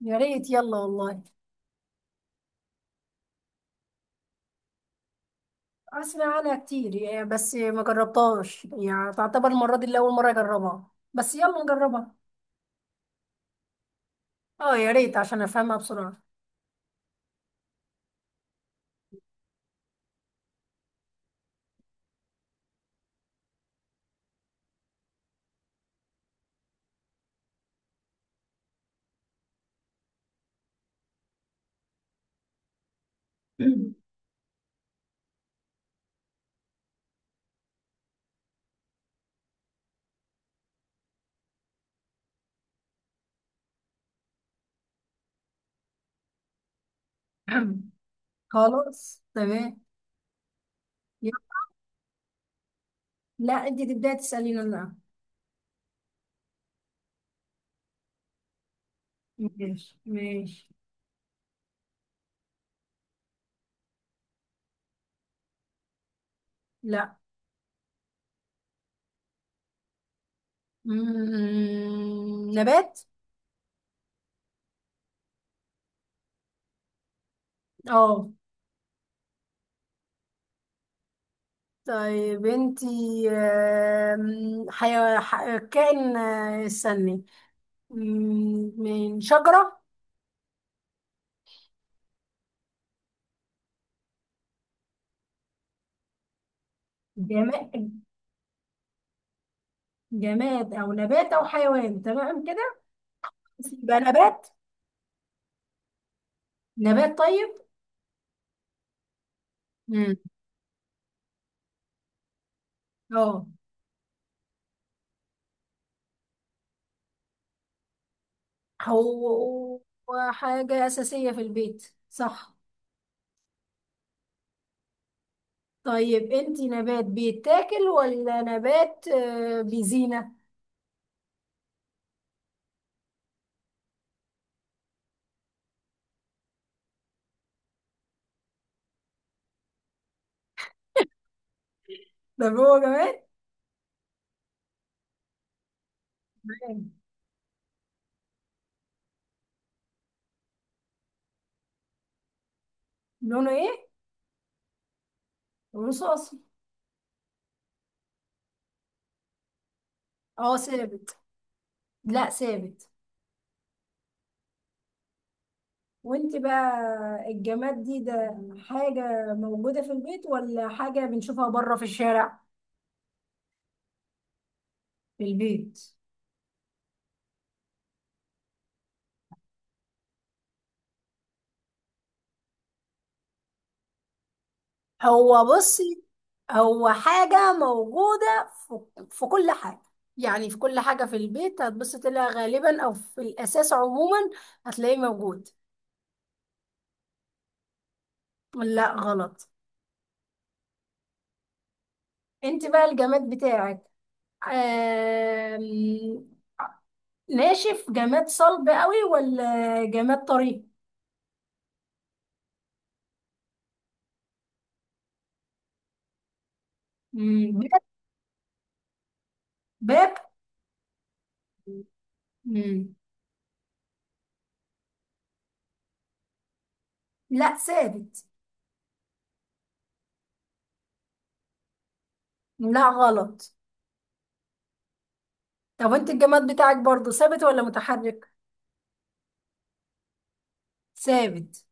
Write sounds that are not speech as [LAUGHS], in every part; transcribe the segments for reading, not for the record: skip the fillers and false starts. يا ريت يلا والله. اسمع عنها كتير يعني بس ما جربتهاش، يعني تعتبر المرة دي الاول مرة اجربها بس يلا نجربها. اه يا ريت عشان افهمها بسرعة. [CLEARS THROAT] خلاص تمام. يلا. لا انت تبداي تسأليني انا. ماشي ماشي. لا. نبات. اه طيب. انتي كائن استني. من شجرة. جماد. جماد او نبات او حيوان، تمام كده. يبقى نبات. نبات طيب. امم. اه، هو هو حاجة أساسية في البيت، صح؟ طيب انتي نبات بيتاكل ولا نبات بيزينة؟ ده هو جماد. تمام. لونه ايه؟ رصاصي. اه ثابت. لا ثابت. وانت بقى. الجماد ده حاجة موجودة في البيت ولا حاجة بنشوفها بره في الشارع؟ في البيت. هو بصي، هو حاجة موجودة في كل حاجة. يعني في كل حاجة في البيت هتبص تلاقيها غالبا، أو في الأساس عموما هتلاقيه موجود. لا غلط. انت بقى الجماد بتاعك آم، ناشف، جماد صلب قوي ولا جماد طري؟ باب. باب؟ مم. لا ثابت. لا غلط. طب انت الجماد بتاعك برضو ثابت ولا متحرك؟ ثابت.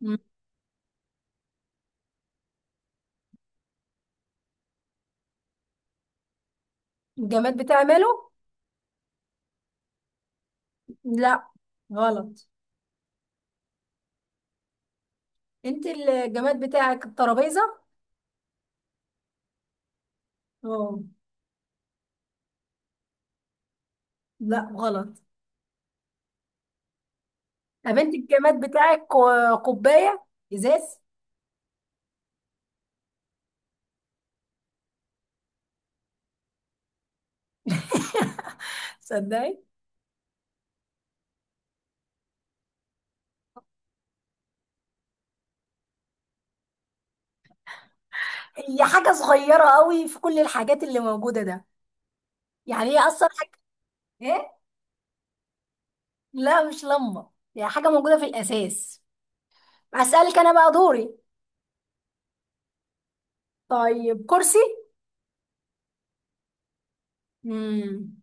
مم. الجماد بتاعي ماله. لا غلط. انت الجماد بتاعك الترابيزه؟ اه. لا غلط. طب انت الجماد بتاعك كوبايه. ازاز. صدقي. هي حاجه صغيره قوي في كل الحاجات اللي موجوده ده. يعني هي اصلا حاجه. ايه؟ لا مش لمبه. هي حاجه موجوده في الاساس. اسالك انا بقى دوري. طيب كرسي. امم.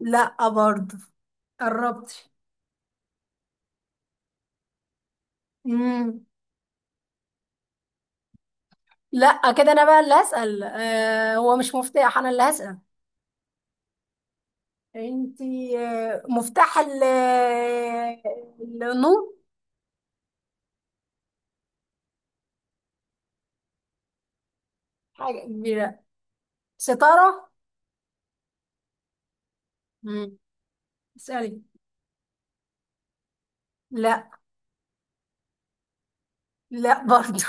لا برضه. قربت. امم. لا، كده انا بقى اللي هسال. آه، هو مش مفتاح، انا اللي هسال. انتي مفتاح النور؟ حاجة كبيرة. ستارة؟ مم. اسألي. لا. لا برضو. [LAUGHS]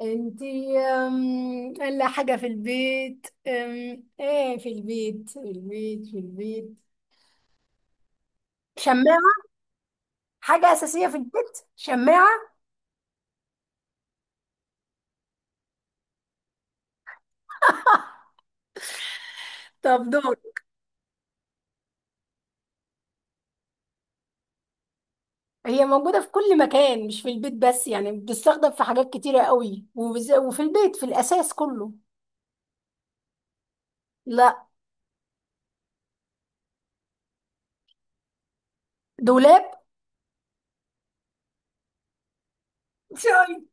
انتي الا حاجة في البيت، ايه؟ في البيت شماعة؟ حاجة أساسية في البيت شماعة. طب دور. هي موجودة في كل مكان مش في البيت بس، يعني بتستخدم في حاجات كتيرة قوي وفي البيت في الأساس كله. لا. دولاب. [LAUGHS] شاي.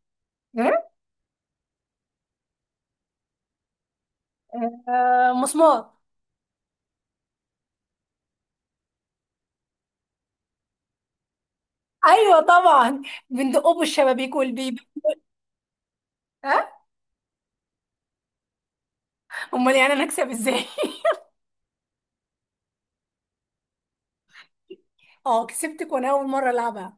آه، مسمار. ايوه طبعا. بندقه بالشبابيك والبيبي. ها. امال يعني انا اكسب ازاي؟ [LAUGHS] اه كسبتك وانا اول مره العبها.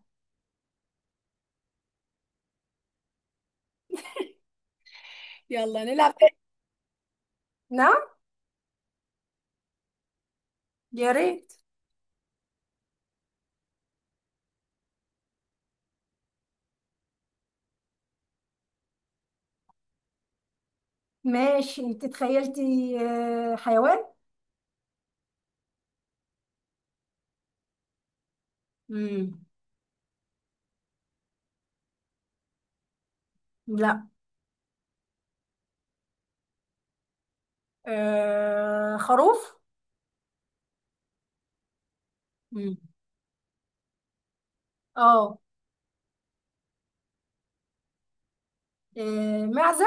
يلا نلعب تاني. نعم. يا ريت. ماشي. انت تخيلتي حيوان. امم. لا. خروف. امم. اه. معزة.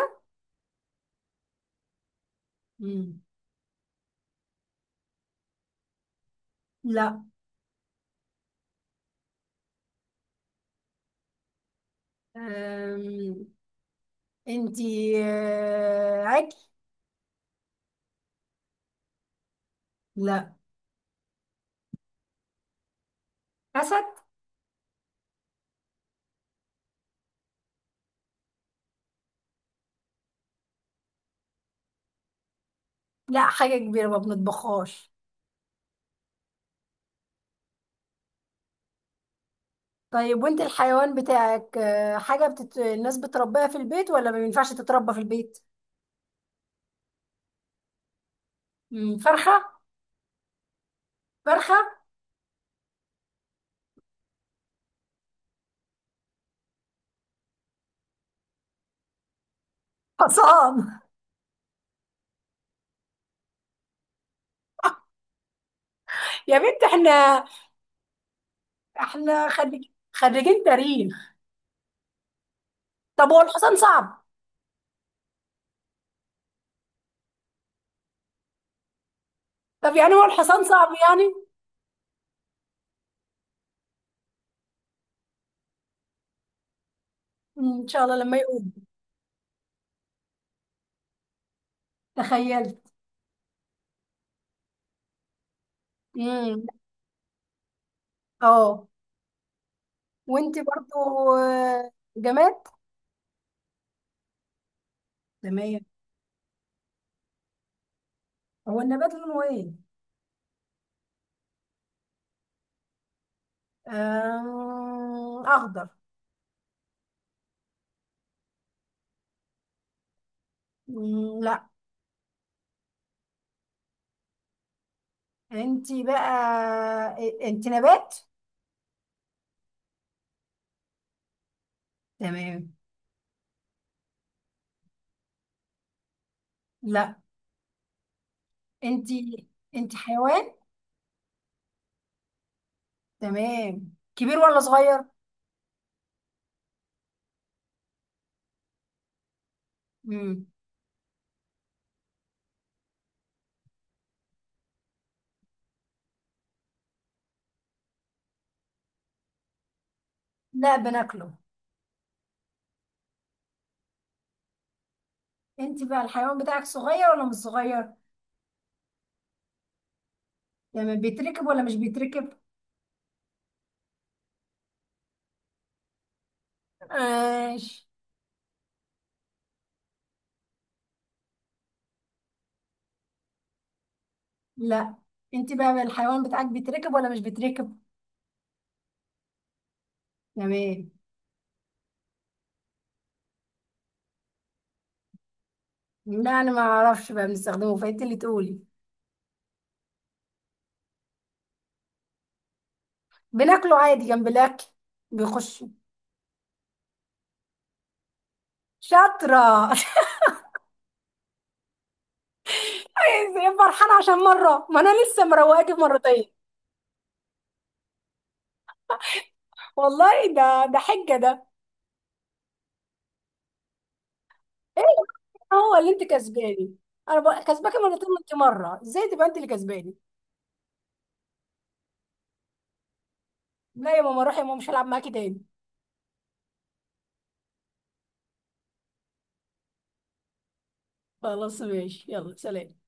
امم. لا. آم، انتي عجل. لا. أسد. لا، حاجة كبيرة ما بنطبخهاش. طيب وانت الحيوان بتاعك، حاجة الناس بتربيها في البيت ولا ما ينفعش تتربى في البيت؟ فرخة. فرخة. حصان. [LAUGHS] يا بنت احنا، احنا خريج... خريجين تاريخ. طب هو الحصان صعب؟ طب يعني هو الحصان صعب يعني. ان شاء الله لما يقوم. تخيلت. امم. اه وانت برضو. آه، جماد. تمام. هو النبات لونه ايه؟ اخضر. لا. انت بقى. انت نبات؟ تمام. لا. انتي انتي حيوان. تمام، كبير ولا صغير؟ امم. لا بناكله. انتي بقى الحيوان بتاعك صغير ولا مش صغير؟ تمام، بيتركب ولا مش بيتركب؟ ماشي. لا. انتي بقى الحيوان بتاعك بيتركب ولا مش بيتركب؟ تمام. لا انا ما اعرفش بقى بنستخدمه، فانت اللي تقولي. بناكله عادي جنب الاكل. بيخش. شاطرة. [LAUGHS] ازاي فرحانة عشان مرة، ما انا لسه مروقاكي مرتين. والله، ده حجة ده. إيه؟ هو اللي انت كسباني؟ انا بقى كسباك مرتين وانت مره، ازاي تبقى انت اللي كسباني؟ لا يا ماما، روح يا ماما، مش هلعب معاكي تاني. خلاص ماشي، يلا سلام.